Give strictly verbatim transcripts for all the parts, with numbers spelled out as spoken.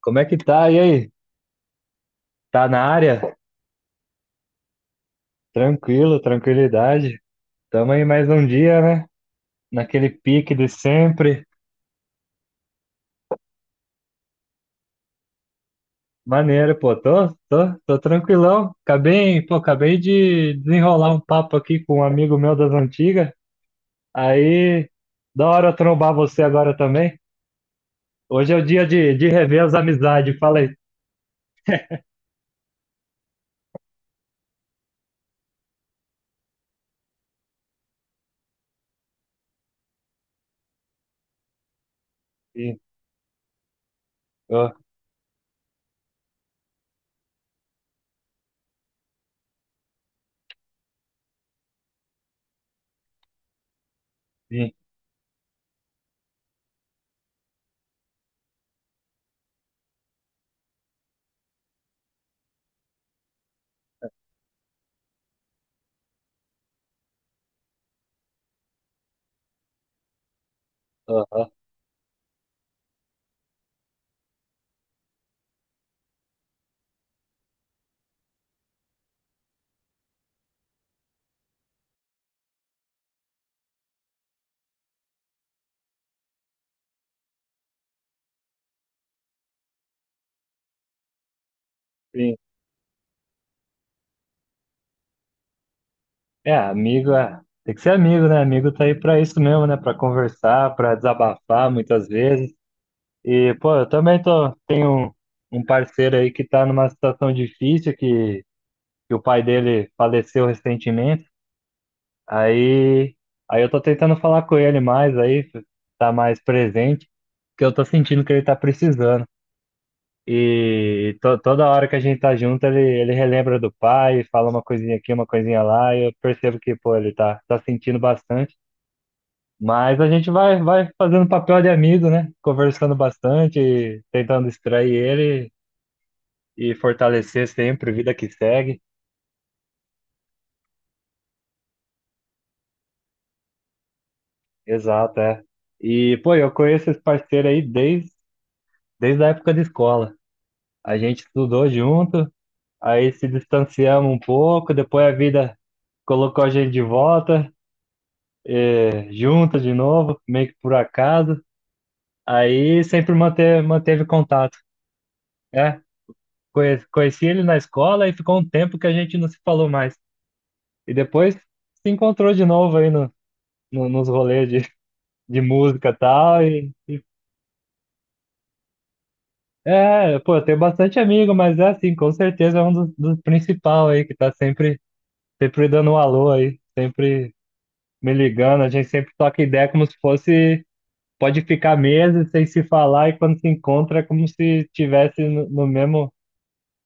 Como é que tá? E aí? Tá na área? Tranquilo, tranquilidade. Tamo aí mais um dia, né? Naquele pique de sempre. Maneiro, pô. Tô, tô, tô tranquilão. Acabei, pô, acabei de desenrolar um papo aqui com um amigo meu das antigas. Aí, da hora eu trombar você agora também. Hoje é o dia de, de rever as amizades. Fala aí. Sim, ó, sim, ó, ó, sim. É, amigo, é. Tem que ser amigo, né? Amigo tá aí pra isso mesmo, né? Pra conversar, pra desabafar muitas vezes. E, pô, eu também tô, tenho um, um parceiro aí que tá numa situação difícil, que, que o pai dele faleceu recentemente. Aí, aí eu tô tentando falar com ele mais, aí tá mais presente, porque eu tô sentindo que ele tá precisando. E to, toda hora que a gente tá junto, ele, ele relembra do pai, fala uma coisinha aqui, uma coisinha lá, e eu percebo que, pô, ele tá, tá sentindo bastante. Mas a gente vai, vai fazendo papel de amigo, né? Conversando bastante, tentando distrair ele e fortalecer sempre, vida que segue. Exato, é. E, pô, eu conheço esse parceiro aí desde, desde a época de escola. A gente estudou junto, aí se distanciamos um pouco, depois a vida colocou a gente de volta, eh, junto de novo, meio que por acaso. Aí sempre mante- manteve contato. É, conhe- conheci ele na escola e ficou um tempo que a gente não se falou mais. E depois se encontrou de novo aí no, no- nos rolês de, de música e tal, e, e É, pô, eu tenho bastante amigo, mas é assim, com certeza é um dos, dos principal aí, que tá sempre, sempre dando um alô aí, sempre me ligando, a gente sempre toca ideia como se fosse, pode ficar meses sem se falar e quando se encontra é como se tivesse no, no mesmo,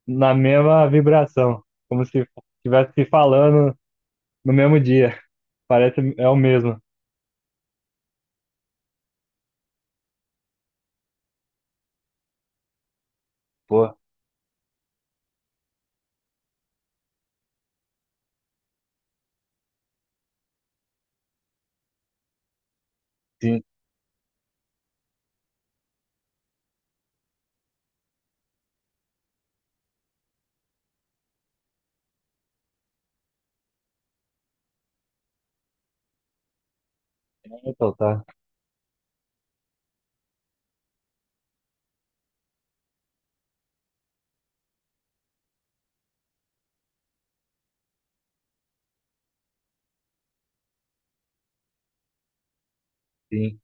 na mesma vibração, como se tivesse se falando no mesmo dia, parece, é o mesmo, pô, sim, então tá, sim,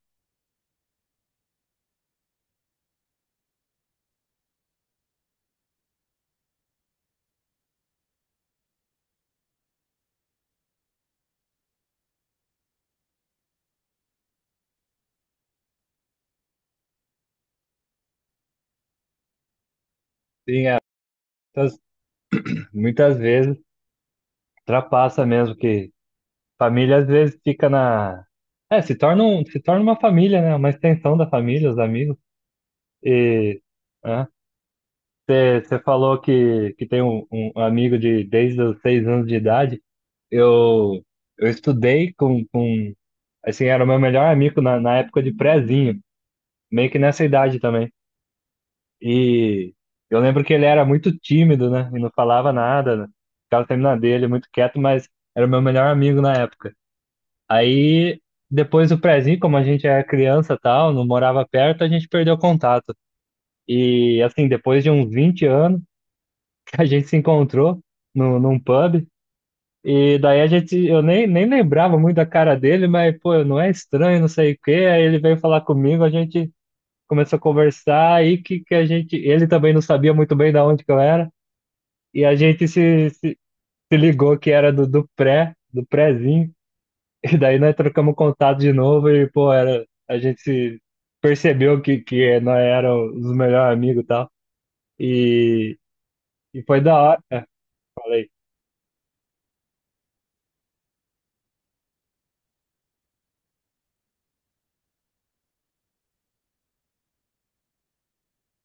sim, é, muitas, muitas vezes ultrapassa mesmo que família às vezes fica na. É, se torna, um, se torna uma família, né? Uma extensão da família, os amigos. E você falou que, que tem um, um amigo de desde os seis anos de idade. Eu, eu estudei com, com. Assim, era o meu melhor amigo na, na época de prézinho, meio que nessa idade também. E eu lembro que ele era muito tímido, né? E não falava nada, né? Ficava sempre na dele, muito quieto, mas era o meu melhor amigo na época. Aí, depois do prézinho, como a gente era criança e tal, não morava perto, a gente perdeu contato. E, assim, depois de uns vinte anos, que a gente se encontrou no, num pub. E daí a gente, eu nem, nem lembrava muito da cara dele, mas, pô, não é estranho, não sei o quê. Aí ele veio falar comigo, a gente começou a conversar, aí que, que a gente, ele também não sabia muito bem da onde que eu era. E a gente se, se, se ligou que era do, do pré, do prézinho. E daí nós trocamos contato de novo e, pô, era, a gente se percebeu que, que nós éramos os melhores amigos e tal. E, e foi da hora. É, falei.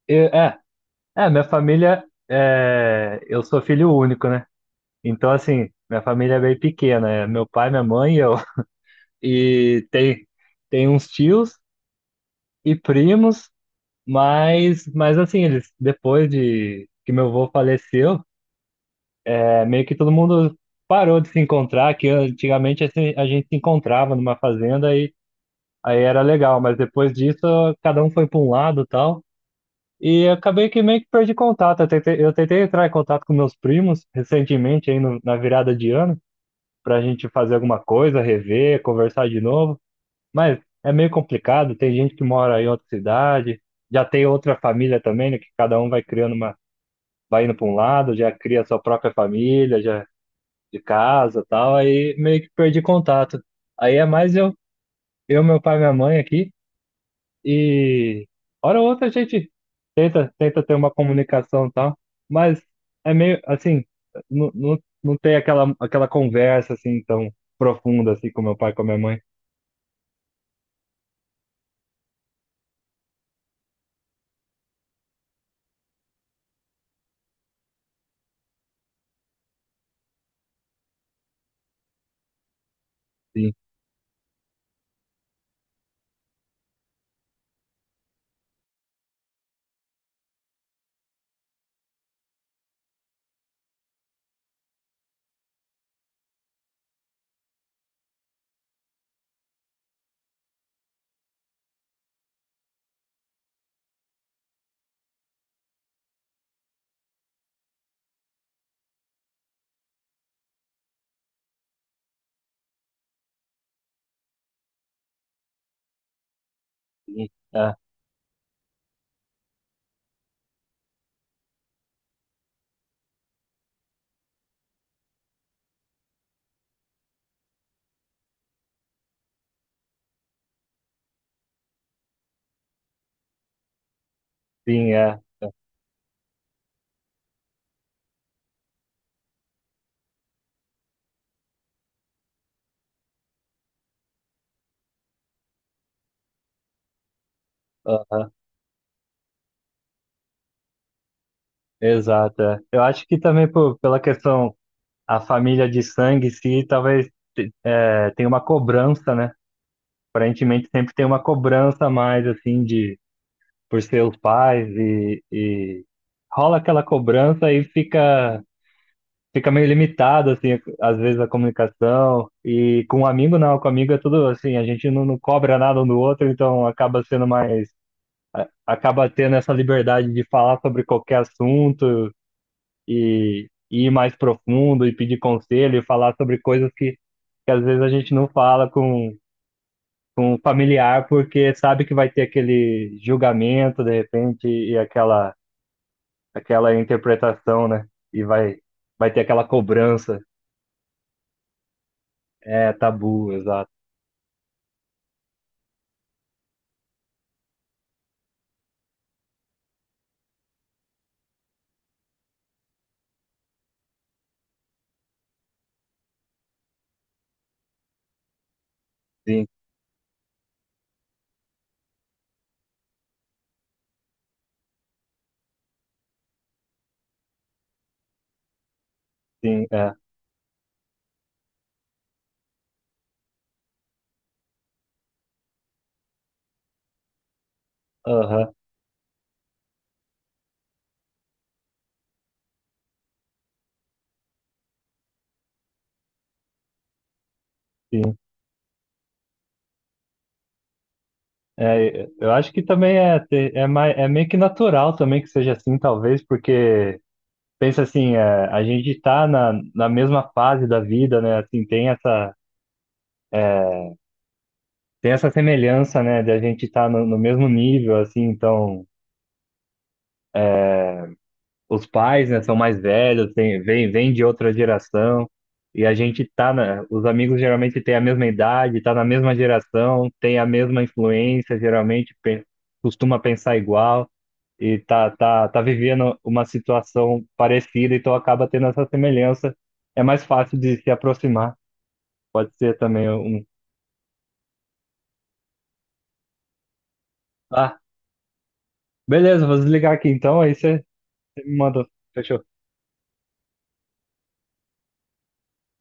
E, é, é, minha família, é, eu sou filho único, né? Então, assim, minha família é bem pequena. É meu pai, minha mãe e eu. E tem, tem uns tios e primos, mas, mas assim, eles, depois de que meu avô faleceu, é meio que todo mundo parou de se encontrar, que antigamente assim, a gente se encontrava numa fazenda e aí era legal, mas depois disso cada um foi para um lado e tal. E acabei que meio que perdi contato. Eu tentei, eu tentei entrar em contato com meus primos recentemente, aí no- na virada de ano, para a gente fazer alguma coisa, rever, conversar de novo. Mas é meio complicado, tem gente que mora em outra cidade, já tem outra família também, né, que cada um vai criando uma, vai indo para um lado, já cria sua própria família, já de casa e tal, aí meio que perdi contato. Aí é mais eu, eu, meu pai e minha mãe aqui, e hora ou outra a gente tenta ter uma comunicação e tal, mas é meio assim, não, não, não tem aquela, aquela conversa assim tão profunda assim com meu pai e com a minha mãe. Sim, sim, é, sim, é, é, exato. É. Eu acho que também por, pela questão, a família de sangue em si, talvez é, tenha uma cobrança, né? Aparentemente sempre tem uma cobrança a mais assim de por seus pais e, e rola aquela cobrança e fica fica meio limitado assim, às vezes a comunicação e com um amigo não, com o amigo é tudo assim, a gente não, não cobra nada um do outro, então acaba sendo mais a- acaba tendo essa liberdade de falar sobre qualquer assunto e, e ir mais profundo e pedir conselho e falar sobre coisas que, que às vezes a gente não fala com com um familiar porque sabe que vai ter aquele julgamento de repente e aquela aquela interpretação, né? E vai, vai ter aquela cobrança. É tabu, exato. Sim, sim, é. Aham, sim. É, eu acho que também é, te- é, mais, é meio que natural também que seja assim, talvez, porque pensa assim, é, a gente tá na, na mesma fase da vida, né? Assim, tem essa, tem essa semelhança, né? De a gente estar no, no mesmo nível, assim, então. Os pais, né, são mais velhos, tem, vem, vem de outra geração, e a gente tá na, os amigos geralmente têm a mesma idade, tá na mesma geração, tem a mesma influência, geralmente pe- costuma pensar igual, e tá, tá, tá vivendo uma situação parecida, então acaba tendo essa semelhança. É mais fácil de se aproximar, pode ser também um. Ah, beleza, vou desligar aqui então, aí você você me manda. Fechou.